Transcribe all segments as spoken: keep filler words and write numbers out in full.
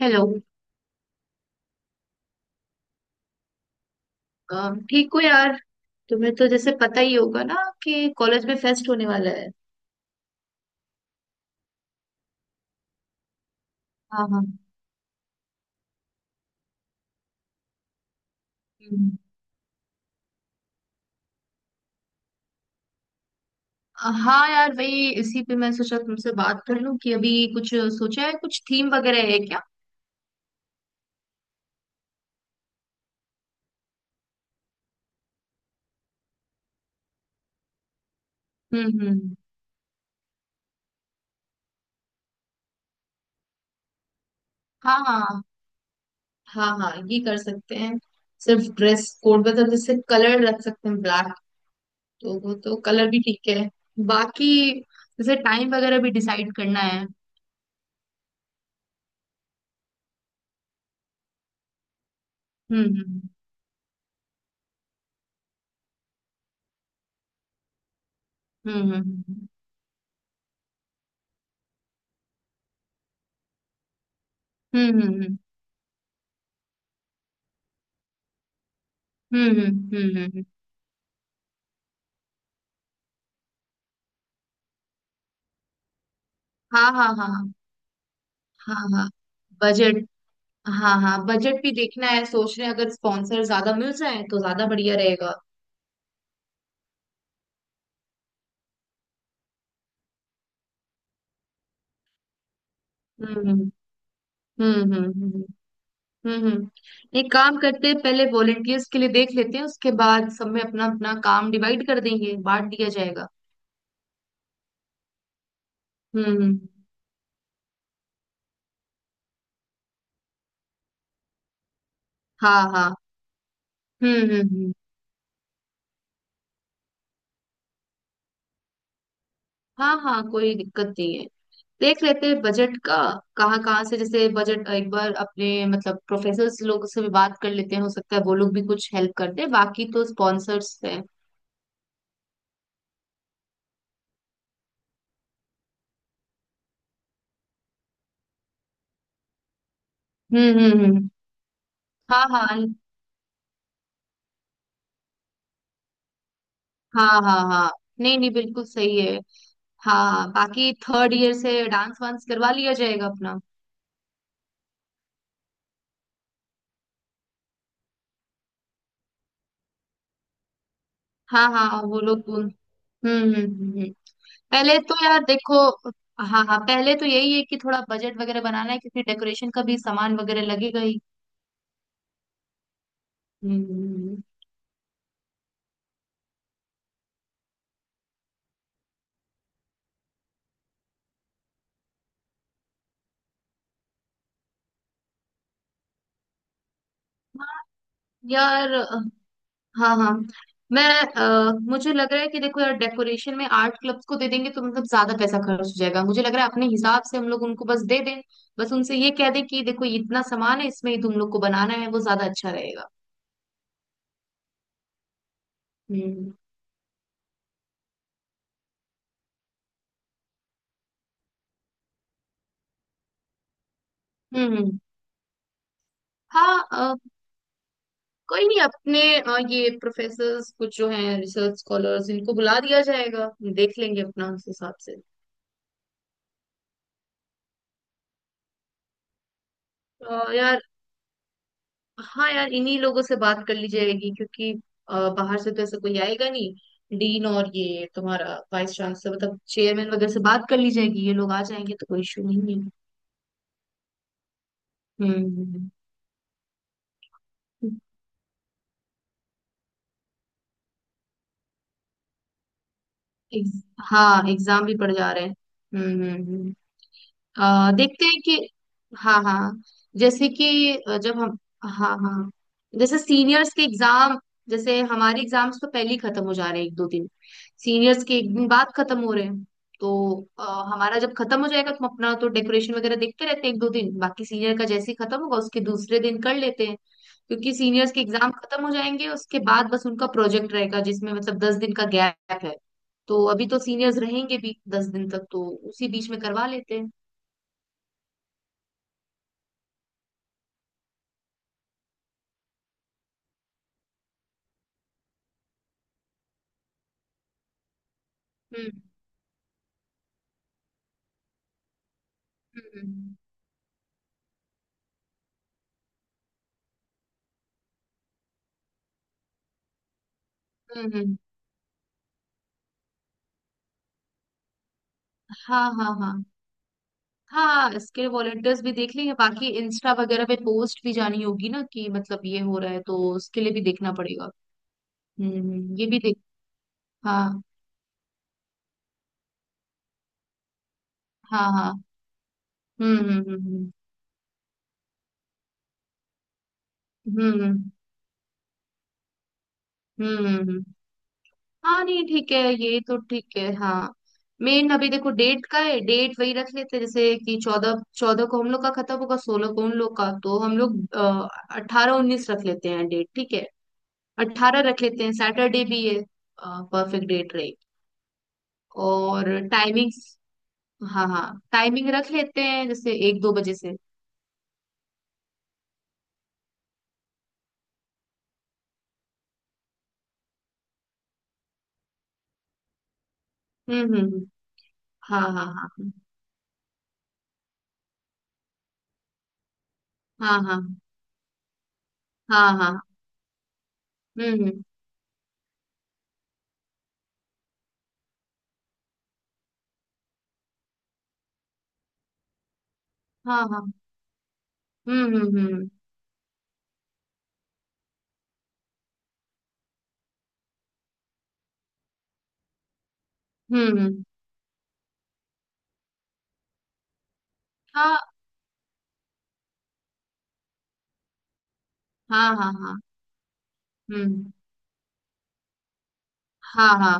Hello. Um, ठीक हो यार। तुम्हें तो जैसे पता ही होगा ना कि कॉलेज में फेस्ट होने वाला है। हाँ हाँ। हम्म। अ, हाँ यार, वही इसी पे मैं सोचा तुमसे बात कर लूं कि अभी कुछ सोचा है, कुछ थीम वगैरह है क्या? हम्म हम्म। हाँ हाँ, हाँ हाँ ये कर सकते हैं। सिर्फ ड्रेस कोड, मतलब जैसे कलर रख सकते हैं ब्लैक। तो वो तो कलर भी ठीक है। बाकी जैसे टाइम वगैरह भी डिसाइड करना है। हम्म हम्म हम्म हम्म हम्म हम्म हम्म हम्म हम्म हम्म हम्म, हम्म, हम्म, हम्म, हाँ हाँ हाँ हाँ। हाँ हाँ। बजट। हाँ हाँ, बजट भी देखना है, सोच रहे हैं अगर स्पॉन्सर ज्यादा मिल जाए तो ज्यादा बढ़िया रहेगा। हम्म हम्म हम्म हम्म हम्म हम्म, हम्म। एक काम करते हैं, पहले वॉलेंटियर्स के लिए देख लेते हैं, उसके बाद सब में अपना अपना काम डिवाइड कर देंगे, बांट दिया जाएगा। हम्म हम्म, हाँ हाँ, हम्म हम्म हम्म। हाँ हाँ, कोई दिक्कत नहीं है। देख लेते हैं बजट का। कहाँ कहाँ से जैसे बजट, एक बार अपने मतलब प्रोफेसर्स लोग से भी बात कर लेते हैं, हो सकता है वो लोग भी कुछ हेल्प करते हैं, बाकी तो स्पॉन्सर्स हैं। हम्म हम्म हम्म, हाँ हाँ हाँ हाँ, हाँ हाँ। नहीं नहीं, बिल्कुल सही है। हाँ, बाकी थर्ड ईयर से डांस वांस करवा लिया जाएगा अपना। हाँ हाँ, वो लोग उन- हम्म हम्म हम्म हम्म। पहले तो यार देखो, हाँ हाँ, पहले तो यही है कि थोड़ा बजट वगैरह बनाना है क्योंकि डेकोरेशन का भी सामान वगैरह लगेगा ही। हम्म हम्म, हम्म। यार हाँ हाँ मैं, अ, मुझे लग रहा है कि देखो यार, डेकोरेशन में आर्ट क्लब्स को दे देंगे तो मतलब ज्यादा पैसा खर्च हो जाएगा, मुझे लग रहा है अपने हिसाब से हम लोग उनको बस दे दें। बस उनसे ये कह दें कि देखो ये इतना सामान है, इसमें ही तुम लोग को बनाना है, वो ज्यादा अच्छा रहेगा। हम्म हम्म हम्म। हाँ अ, कोई नहीं, अपने अ, ये प्रोफेसर्स कुछ जो हैं, रिसर्च स्कॉलर्स, इनको बुला दिया जाएगा। देख लेंगे अपना उस हिसाब से। अ, यार हाँ यार, इन्हीं लोगों से बात कर ली जाएगी क्योंकि अ, बाहर से तो ऐसा कोई आएगा नहीं। डीन और ये तुम्हारा वाइस चांसलर, मतलब चेयरमैन वगैरह से बात कर ली जाएगी, ये लोग आ जाएंगे तो कोई इशू नहीं है। हम्म हम्म, हम्म। एग्ज- हाँ एग्जाम भी पड़ जा रहे हैं। हम्म हम्म हम्म। अ, देखते हैं कि, हाँ हाँ, जैसे कि अ, जब हम, हाँ हाँ, जैसे सीनियर्स के एग्जाम, जैसे हमारे एग्जाम्स तो पहले ही खत्म हो जा रहे हैं एक दो दिन। सीनियर्स के एक दिन बाद खत्म हो रहे हैं, तो अ, हमारा जब खत्म हो जाएगा तो हम अपना तो डेकोरेशन वगैरह देखते रहते हैं एक दो दिन, बाकी सीनियर का जैसे ही खत्म होगा उसके दूसरे दिन कर लेते हैं क्योंकि सीनियर्स के एग्जाम खत्म हो जाएंगे उसके बाद बस उनका प्रोजेक्ट रहेगा, जिसमें मतलब दस दिन का गैप है, तो अभी तो सीनियर्स रहेंगे भी दस दिन तक, तो उसी बीच में करवा लेते हैं। हम्म हम्म हम्म, हम्म, हाँ हाँ हाँ हाँ। इसके वॉलंटियर्स भी देख लेंगे, बाकी इंस्टा वगैरह पे पोस्ट भी जानी होगी ना कि मतलब ये हो रहा है, तो उसके लिए भी देखना पड़ेगा। हम्म हम्म, ये भी देख, हाँ हाँ हाँ, हम्म हम्म हम्म हम्म हम्म हम्म, हम्म, हम्म। हाँ नहीं ठीक है, ये तो ठीक है, हाँ। मेन अभी देखो डेट का है, डेट वही रख लेते हैं जैसे कि चौदह चौदह को हम लोग का खत्म होगा, सोलह को उन लोग का, तो हम लोग अठारह उन्नीस रख लेते हैं डेट, ठीक है? अट्ठारह रख लेते हैं, सैटरडे भी ये, परफेक्ट डेट रही। और टाइमिंग, हाँ हाँ, टाइमिंग रख लेते हैं जैसे एक दो बजे से। हम्म हम्म हम्म, हाँ हाँ हाँ हाँ हाँ हाँ हाँ, हम्म हम्म। हाँ हाँ। हम्म हम्म हम्म हम्म हम्म, हाँ हाँ हाँ हाँ। हम्म। हाँ हाँ,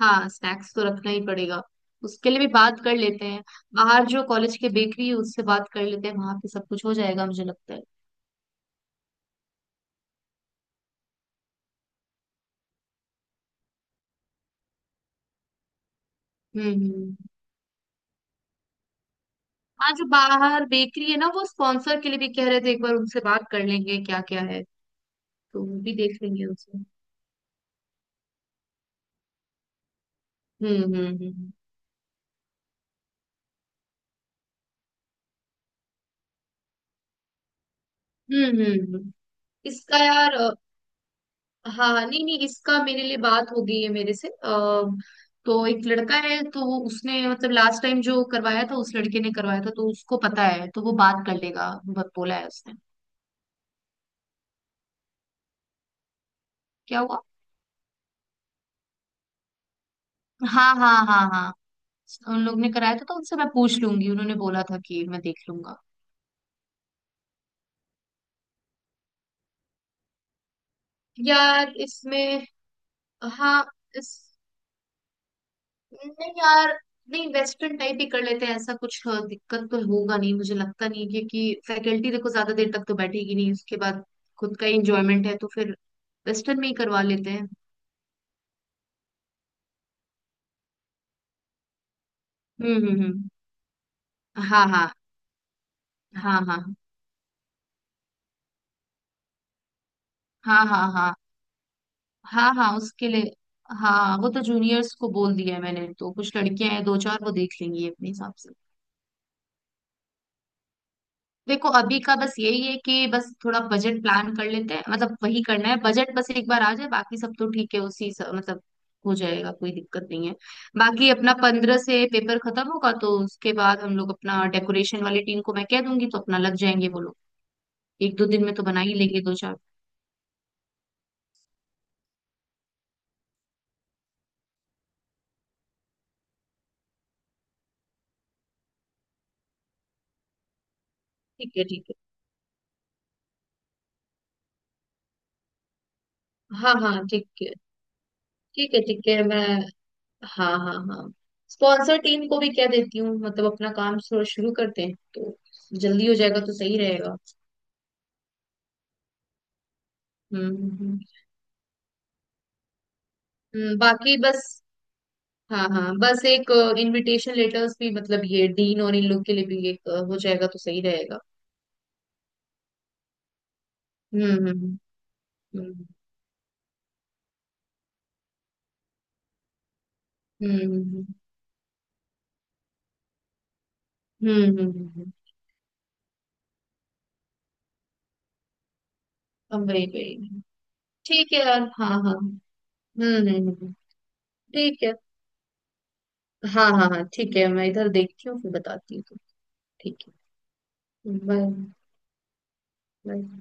हाँ स्नैक्स तो रखना ही पड़ेगा, उसके लिए भी बात कर लेते हैं। बाहर जो कॉलेज के बेकरी है उससे बात कर लेते हैं, वहां पे सब कुछ हो जाएगा मुझे लगता है। हम्म हम्म। हाँ जो बाहर बेकरी है ना, वो स्पॉन्सर के लिए भी कह रहे थे, एक बार उनसे बात कर लेंगे क्या क्या है। तो वो भी देख लेंगे उनसे। हम्म हम्म हम्म हम्म हम्म, हम्म। हम्म। इसका यार अ, हाँ हाँ, नहीं नहीं, इसका मेरे लिए बात हो गई है, मेरे से आ, तो एक लड़का है, तो वो उसने मतलब लास्ट टाइम जो करवाया था उस लड़के ने करवाया था, तो उसको पता है, तो वो बात कर लेगा, ब- बोला है उसने। क्या हुआ? हाँ हाँ हाँ हाँ, उन लोग ने कराया था तो उनसे मैं पूछ लूंगी, उन्होंने बोला था कि मैं देख लूंगा। यार इसमें, हाँ इस, नहीं यार, नहीं वेस्टर्न टाइप ही कर लेते हैं, ऐसा कुछ अ, दिक्कत तो होगा नहीं, मुझे लगता नहीं है, क्योंकि फैकल्टी देखो ज्यादा देर तक तो बैठेगी नहीं, उसके बाद खुद का इंजॉयमेंट है तो फिर वेस्टर्न में ही करवा लेते हैं। हम्म हम्म हम्म, हाँ हाँ हाँ हाँ हाँ हाँ, हाँ हाँ हाँ उसके लिए, हाँ वो तो जूनियर्स को बोल दिया है मैंने, तो कुछ लड़कियां हैं दो चार, वो देख लेंगी अपने हिसाब से। देखो अभी का बस यही है कि बस थोड़ा बजट प्लान कर लेते हैं, मतलब वही करना है, बजट बस एक बार आ जाए बाकी सब तो ठीक है उसी स- मतलब हो जाएगा, कोई दिक्कत नहीं है। बाकी अपना पंद्रह से पेपर खत्म होगा तो उसके बाद हम लोग अपना डेकोरेशन वाली टीम को मैं कह दूंगी, तो अपना लग जाएंगे वो लोग। एक दो दिन में तो बना ही लेंगे दो चार। ठीक है ठीक है। हाँ हाँ ठीक है ठीक है, ठीक है मैं, हाँ हाँ हाँ। स्पॉन्सर टीम को भी क्या देती हूँ, मतलब अपना काम शुरू शुरू करते हैं तो जल्दी हो जाएगा तो सही रहेगा। हम्म हम्म, हम्म, बाकी बस, हाँ हाँ, बस एक इनविटेशन लेटर्स भी मतलब ये डीन और इन लोग के लिए भी एक अ, हो जाएगा तो सही रहेगा। हम्म हम्म हम्म हम्म हम्म हम्म हम्म हम्म, हम्म, हम्म, हम वही वही। ठीक है यार, हाँ हाँ। हम्म हम्म हम्म, ठीक है। हाँ हाँ हाँ ठीक है, मैं इधर देखती हूँ फिर बताती हूँ। ठीक है बाय। बाय।